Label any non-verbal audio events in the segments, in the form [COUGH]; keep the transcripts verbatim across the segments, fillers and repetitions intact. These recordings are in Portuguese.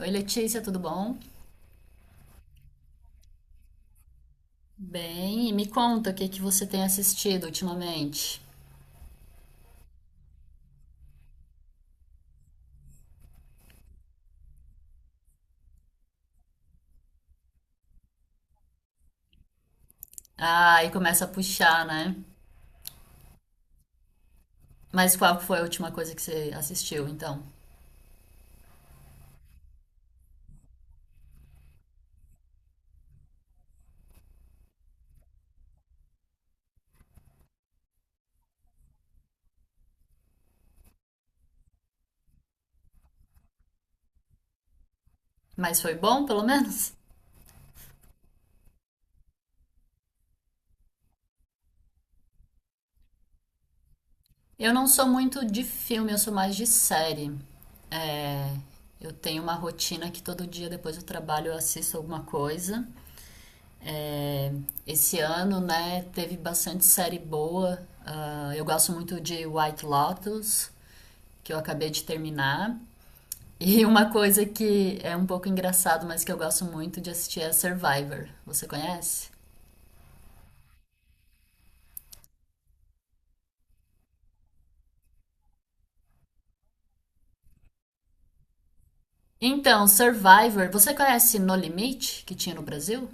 Oi, Letícia, tudo bom? Bem, e me conta o que que você tem assistido ultimamente. Ah, e começa a puxar, né? Mas qual foi a última coisa que você assistiu, então? Mas foi bom, pelo menos? Eu não sou muito de filme, eu sou mais de série. É, eu tenho uma rotina que todo dia depois do trabalho eu assisto alguma coisa. É, Esse ano, né, teve bastante série boa. Ah, eu gosto muito de White Lotus, que eu acabei de terminar. E uma coisa que é um pouco engraçado, mas que eu gosto muito de assistir é Survivor. Você conhece? Então, Survivor, você conhece No Limite, que tinha no Brasil?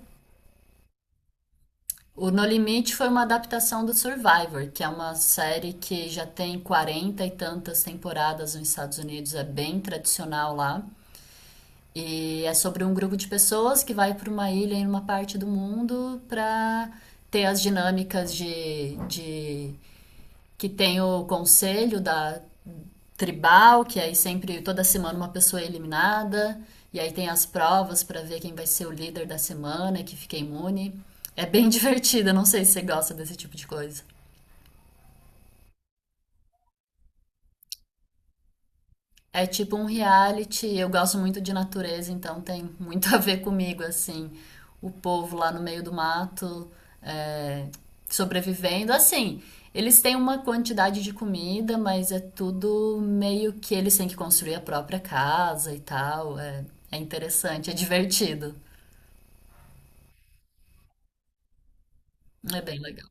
O No Limite foi uma adaptação do Survivor, que é uma série que já tem quarenta e tantas temporadas nos Estados Unidos, é bem tradicional lá. E é sobre um grupo de pessoas que vai para uma ilha em uma parte do mundo para ter as dinâmicas de, de que tem o conselho da tribal, que aí sempre, toda semana, uma pessoa é eliminada. E aí tem as provas para ver quem vai ser o líder da semana e que fica imune. É bem [LAUGHS] divertida, não sei se você gosta desse tipo de coisa. É tipo um reality, eu gosto muito de natureza, então tem [LAUGHS] muito a ver comigo, assim. O povo lá no meio do mato, é, sobrevivendo. Assim, eles têm uma quantidade de comida, mas é tudo meio que eles têm que construir a própria casa e tal. É, é interessante, é [LAUGHS] divertido. É bem legal.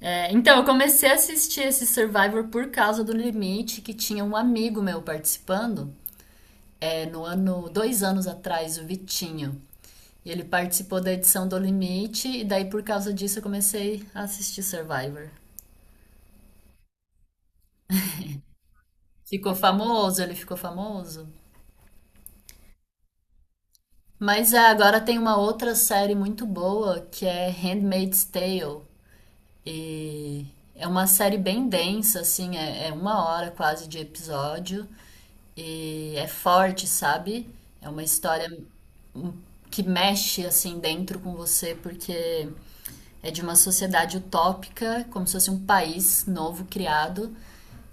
É, então, eu comecei a assistir esse Survivor por causa do Limite, que tinha um amigo meu participando. É, no ano, dois anos atrás, o Vitinho. E ele participou da edição do Limite, e daí por causa disso eu comecei a assistir Survivor. Ficou famoso, ele ficou famoso. Mas é, agora tem uma outra série muito boa que é Handmaid's Tale. E é uma série bem densa, assim, é, é uma hora quase de episódio. E é forte, sabe? É uma história hum, que mexe assim dentro com você, porque é de uma sociedade utópica, como se fosse um país novo criado.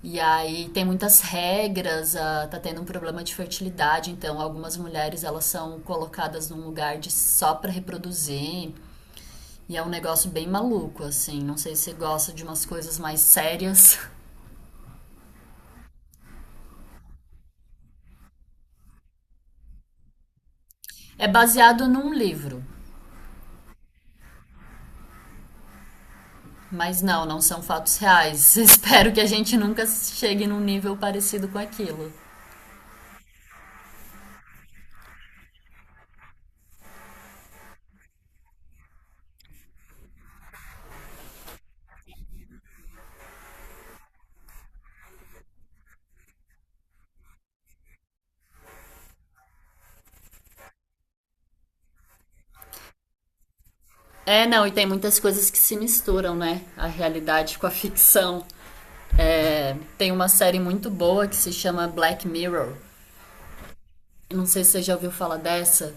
E aí tem muitas regras, ah, tá tendo um problema de fertilidade, então algumas mulheres elas são colocadas num lugar de só para reproduzir. E é um negócio bem maluco, assim. Não sei se você gosta de umas coisas mais sérias. [LAUGHS] É baseado num livro, mas não, não são fatos reais. [LAUGHS] Espero que a gente nunca chegue num nível parecido com aquilo. É, não, e tem muitas coisas que se misturam, né? A realidade com a ficção. É, tem uma série muito boa que se chama Black Mirror. Eu Não sei se você já ouviu falar dessa.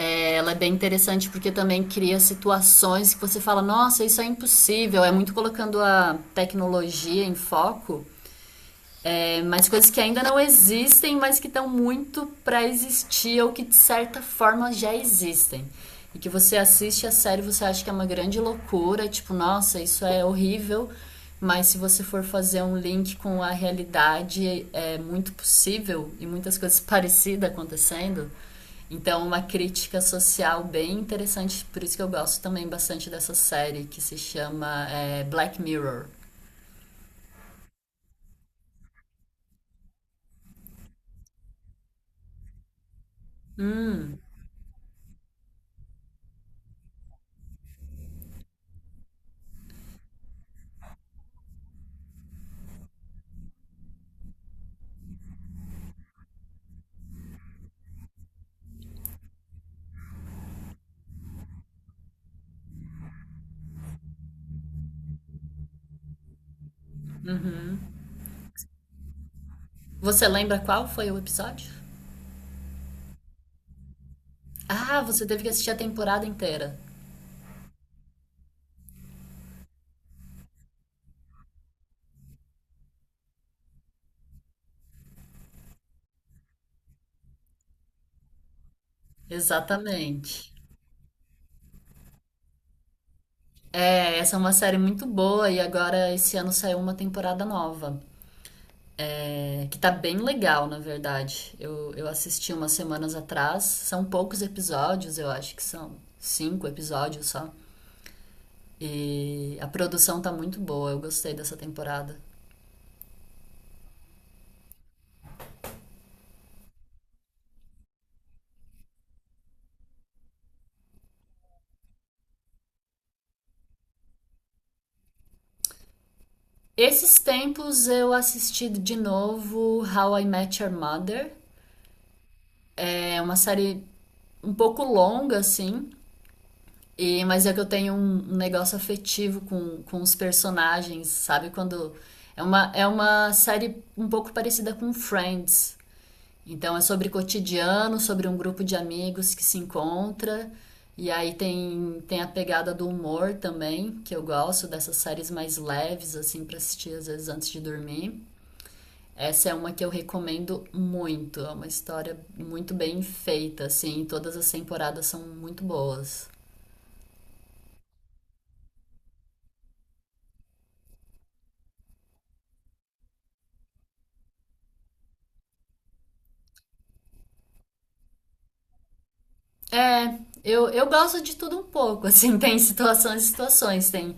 É, ela é bem interessante porque também cria situações que você fala, nossa, isso é impossível. É muito colocando a tecnologia em foco. É, mas coisas que ainda não existem, mas que estão muito para existir ou que de certa forma já existem. E que você assiste a série, você acha que é uma grande loucura, tipo, nossa, isso é horrível, mas se você for fazer um link com a realidade, é muito possível e muitas coisas [LAUGHS] parecidas acontecendo. Então, uma crítica social bem interessante, por isso que eu gosto também bastante dessa série, que se chama é, Black Mirror. Você lembra qual foi o episódio? Ah, você teve que assistir a temporada inteira. Exatamente. É, essa é uma série muito boa e agora esse ano saiu uma temporada nova, é, que tá bem legal, na verdade. Eu, eu assisti umas semanas atrás, são poucos episódios, eu acho que são cinco episódios só. E a produção tá muito boa, eu gostei dessa temporada. Esses tempos eu assisti de novo How I Met Your Mother. É uma série um pouco longa, assim, E, mas é que eu tenho um, um negócio afetivo com, com os personagens, sabe? Quando. É uma, é uma série um pouco parecida com Friends. Então é sobre cotidiano, sobre um grupo de amigos que se encontra. E aí tem, tem a pegada do humor também, que eu gosto dessas séries mais leves, assim, pra assistir às vezes antes de dormir. Essa é uma que eu recomendo muito. É uma história muito bem feita, assim. Todas as temporadas são muito boas. É, eu, eu gosto de tudo um pouco, assim, [LAUGHS] tem situações e situações, tem.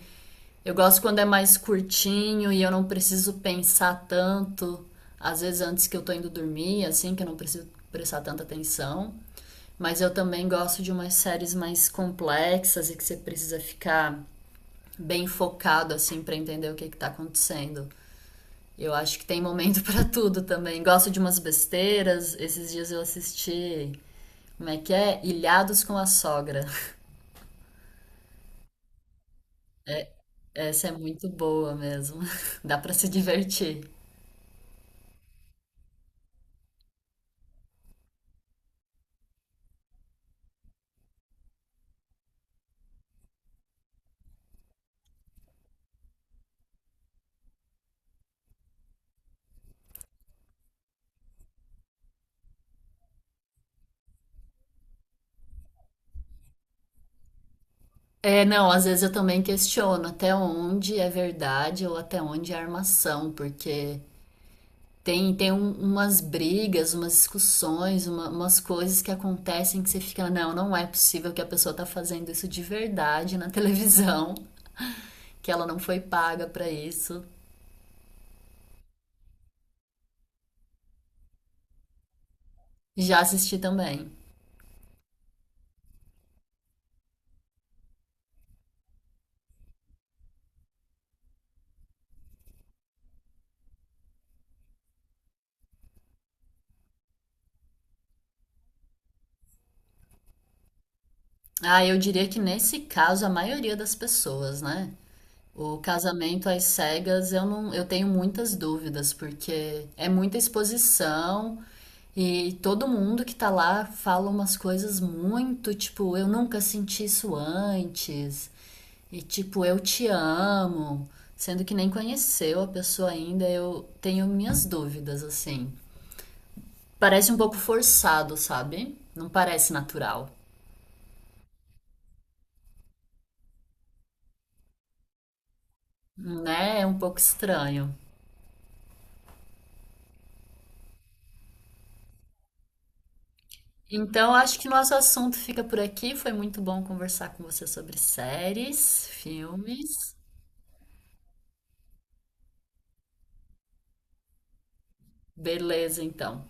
Eu gosto quando é mais curtinho e eu não preciso pensar tanto, às vezes antes que eu tô indo dormir, assim, que eu não preciso prestar tanta atenção. Mas eu também gosto de umas séries mais complexas e que você precisa ficar bem focado, assim, pra entender o que que tá acontecendo. Eu acho que tem momento [LAUGHS] pra tudo também. Gosto de umas besteiras. Esses dias eu assisti, como é que é? Ilhados com a Sogra. Essa é muito boa mesmo. [LAUGHS] Dá pra se divertir. É, não, às vezes eu também questiono até onde é verdade ou até onde é armação, porque tem, tem um- umas brigas, umas discussões, uma- umas coisas que acontecem que você fica, não, não é possível que a pessoa tá fazendo isso de verdade na [LAUGHS] televisão, que ela não foi paga pra isso. Já assisti também. Ah, eu diria que nesse caso a maioria das pessoas, né? O casamento às cegas, eu não, eu tenho muitas dúvidas, porque é muita exposição e todo mundo que tá lá fala umas coisas muito, tipo, eu nunca senti isso antes. E tipo, eu te amo, sendo que nem conheceu a pessoa ainda, eu tenho minhas dúvidas assim. Parece um pouco forçado, sabe? Não parece natural, né? É um pouco estranho. Então, acho que nosso assunto fica por aqui. Foi muito bom conversar com você sobre séries, filmes. Beleza, então.